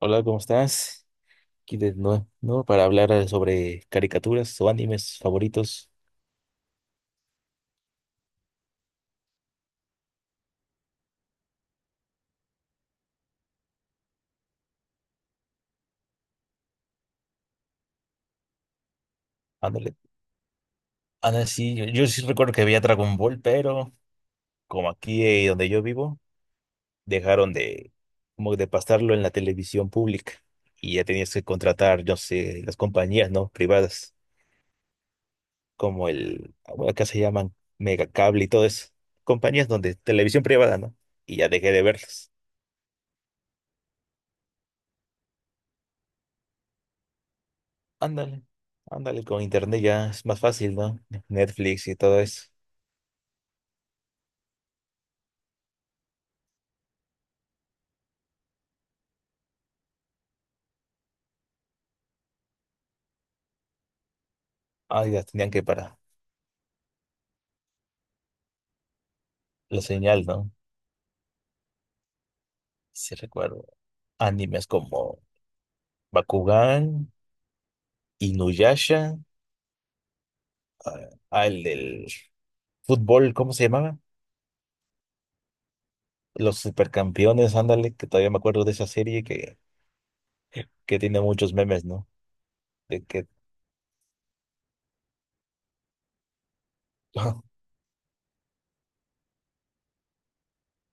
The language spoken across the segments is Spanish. Hola, ¿cómo estás? Aquí de nuevo, ¿no? Para hablar sobre caricaturas o animes favoritos. Ándale. Ándale, sí, yo sí recuerdo que veía Dragon Ball, pero como aquí donde yo vivo, dejaron de, como de pasarlo en la televisión pública y ya tenías que contratar, yo sé, las compañías, ¿no? Privadas, como el, bueno, acá se llaman Megacable y todo eso. Compañías donde televisión privada, ¿no? Y ya dejé de verlas. Ándale, ándale, con internet ya es más fácil, ¿no? Netflix y todo eso. Ay, las tenían que para la señal, ¿no? Si recuerdo. Animes como Bakugan, Inuyasha, el del fútbol, ¿cómo se llamaba? Los supercampeones, ándale, que todavía me acuerdo de esa serie que tiene muchos memes, ¿no? De que,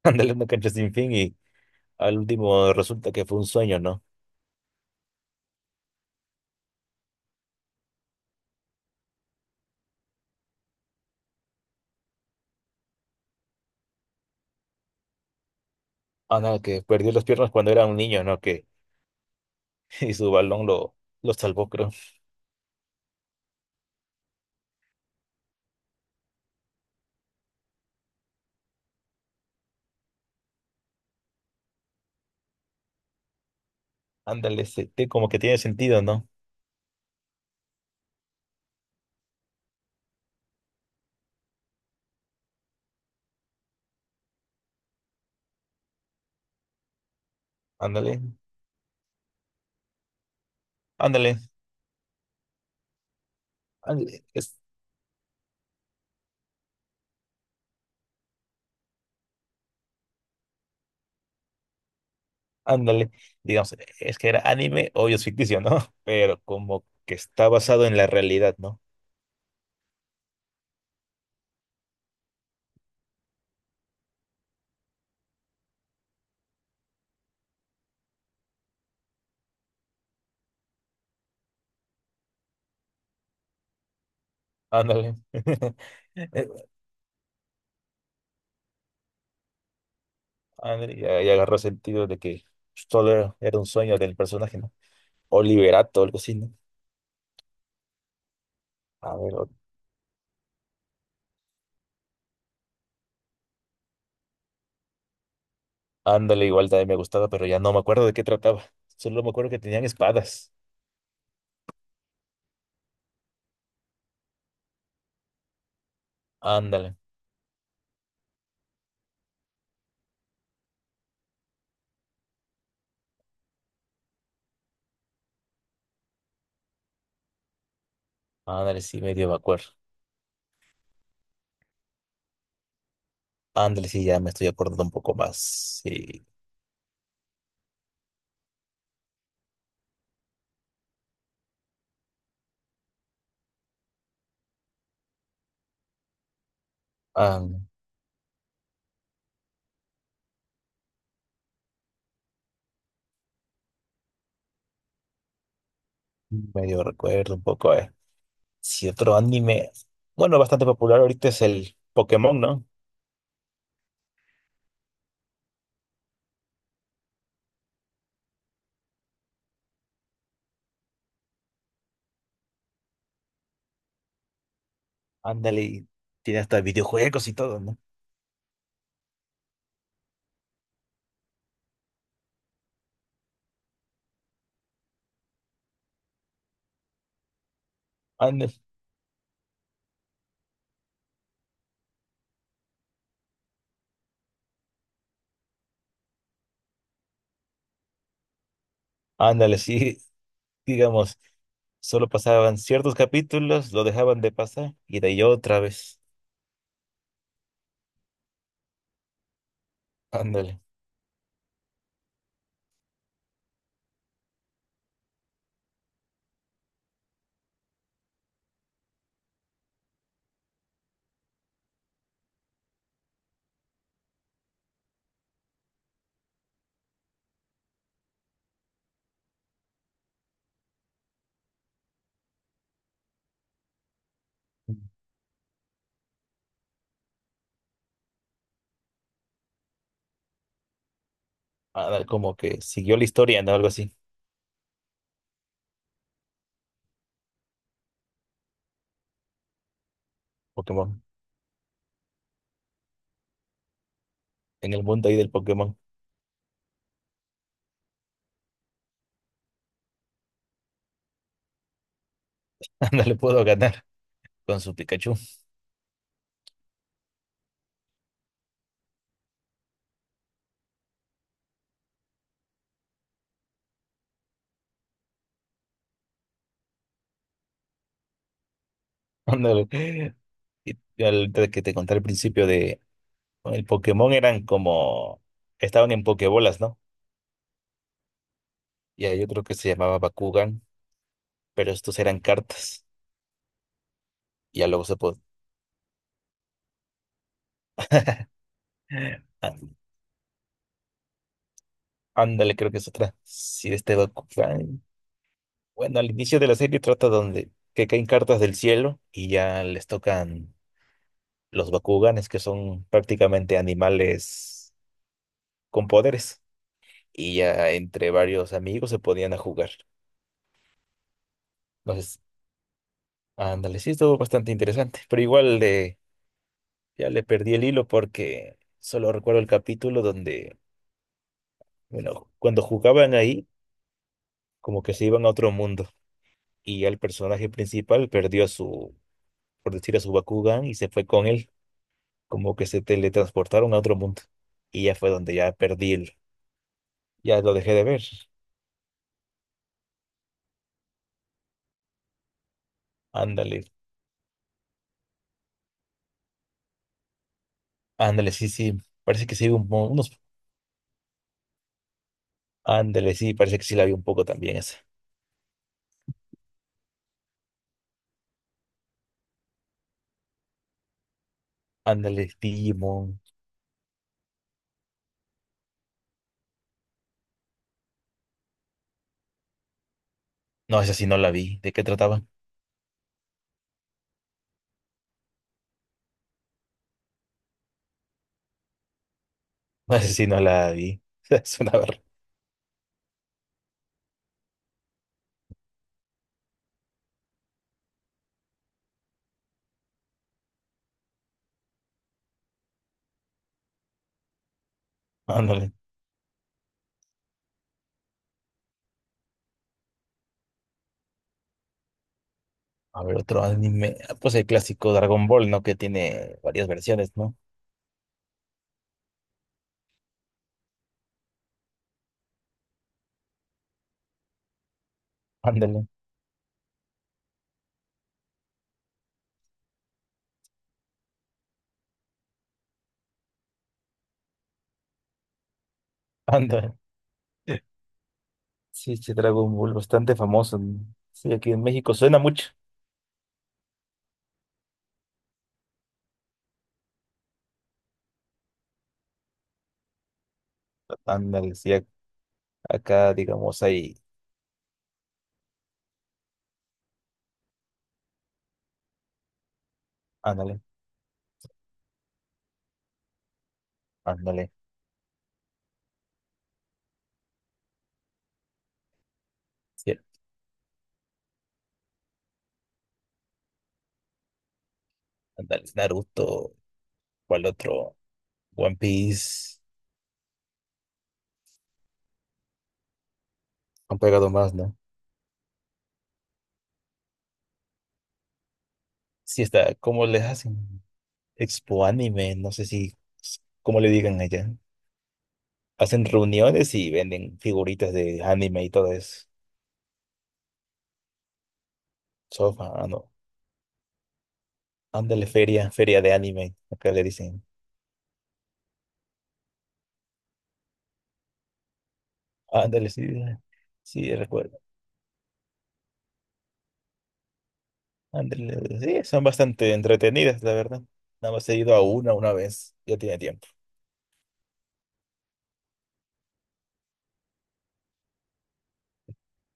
ándale, una cancha sin fin y al último resulta que fue un sueño, ¿no? Ándale, que perdió las piernas cuando era un niño, ¿no? Que, y su balón lo salvó, creo. Ándale, se- te- como que tiene sentido, ¿no? Ándale, ándale. Ándale, es- ándale, digamos, es que era anime, obvio es ficticio, ¿no? Pero como que está basado en la realidad, ¿no? Ándale. Eh, ándale, y ahí agarró sentido de que todo era un sueño del personaje, ¿no? O Liberato, algo así, ¿no? A ver, o- ándale, igual también me gustaba, pero ya no me acuerdo de qué trataba. Solo me acuerdo que tenían espadas. Ándale, ándale, sí, medio me acuerdo. Ándale, sí, ya me estoy acordando un poco más. Sí, ándale, medio recuerdo un poco. Si otro anime, bueno, bastante popular ahorita es el Pokémon, ¿no? Ándale, y tiene hasta videojuegos y todo, ¿no? Ándale, ándale, sí, digamos, solo pasaban ciertos capítulos, lo dejaban de pasar y de ahí otra vez. Ándale, ándale, como que siguió la historia, ¿no? Algo así, Pokémon. En el mundo ahí del Pokémon, ándale, puedo ganar con su Pikachu. Ándale. Y al que te conté al principio de, el Pokémon eran como, estaban en Pokébolas, ¿no? Y hay otro que se llamaba Bakugan, pero estos eran cartas. Y ya luego se puede. Ándale, creo que es otra. Sí, este Bakugan. Bueno, al inicio de la serie trata donde que caen cartas del cielo y ya les tocan los Bakuganes, que son prácticamente animales con poderes. Y ya entre varios amigos se podían a jugar. Entonces, ándale, sí, estuvo bastante interesante. Pero igual de, ya le perdí el hilo porque solo recuerdo el capítulo donde, bueno, cuando jugaban ahí, como que se iban a otro mundo. Y el personaje principal perdió a su, por decir, a su Bakugan y se fue con él, como que se teletransportaron a otro mundo. Y ya fue donde ya perdí el, ya lo dejé de ver. Ándale, ándale, sí, parece que sí, vi un, mo- unos, ándale, sí, parece que sí la vi un poco también esa. Ándale, Digimon. No, esa sí no la vi. ¿De qué trataba? No, esa sí no la vi. Es una ver. Ándale. A ver, otro anime. Ah, pues el clásico Dragon Ball, ¿no? Que tiene varias versiones, ¿no? Ándale, ándale. Sí, sí, Dragon Ball, bastante famoso, ¿no? Sí, aquí en México suena mucho. Ándale, sí, ac- acá, digamos, hay. Ándale, ándale. Sí, ándale, Naruto, ¿cuál otro? One Piece. Han pegado más, ¿no? Sí, está. ¿Cómo les hacen? Expo Anime, no sé si. ¿Cómo le digan allá? Hacen reuniones y venden figuritas de anime y todo eso. Sofa, ah, no. Ándale, feria, feria de anime. Acá le dicen. Ándale, sí. Sí, recuerdo. Ándale, sí, son bastante entretenidas, la verdad. Nada más he ido a una vez, ya tiene tiempo.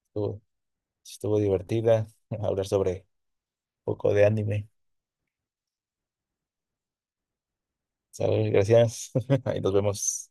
Estuvo, estuvo divertida hablar sobre un poco de anime. ¿Sabes? Gracias. Ahí nos vemos.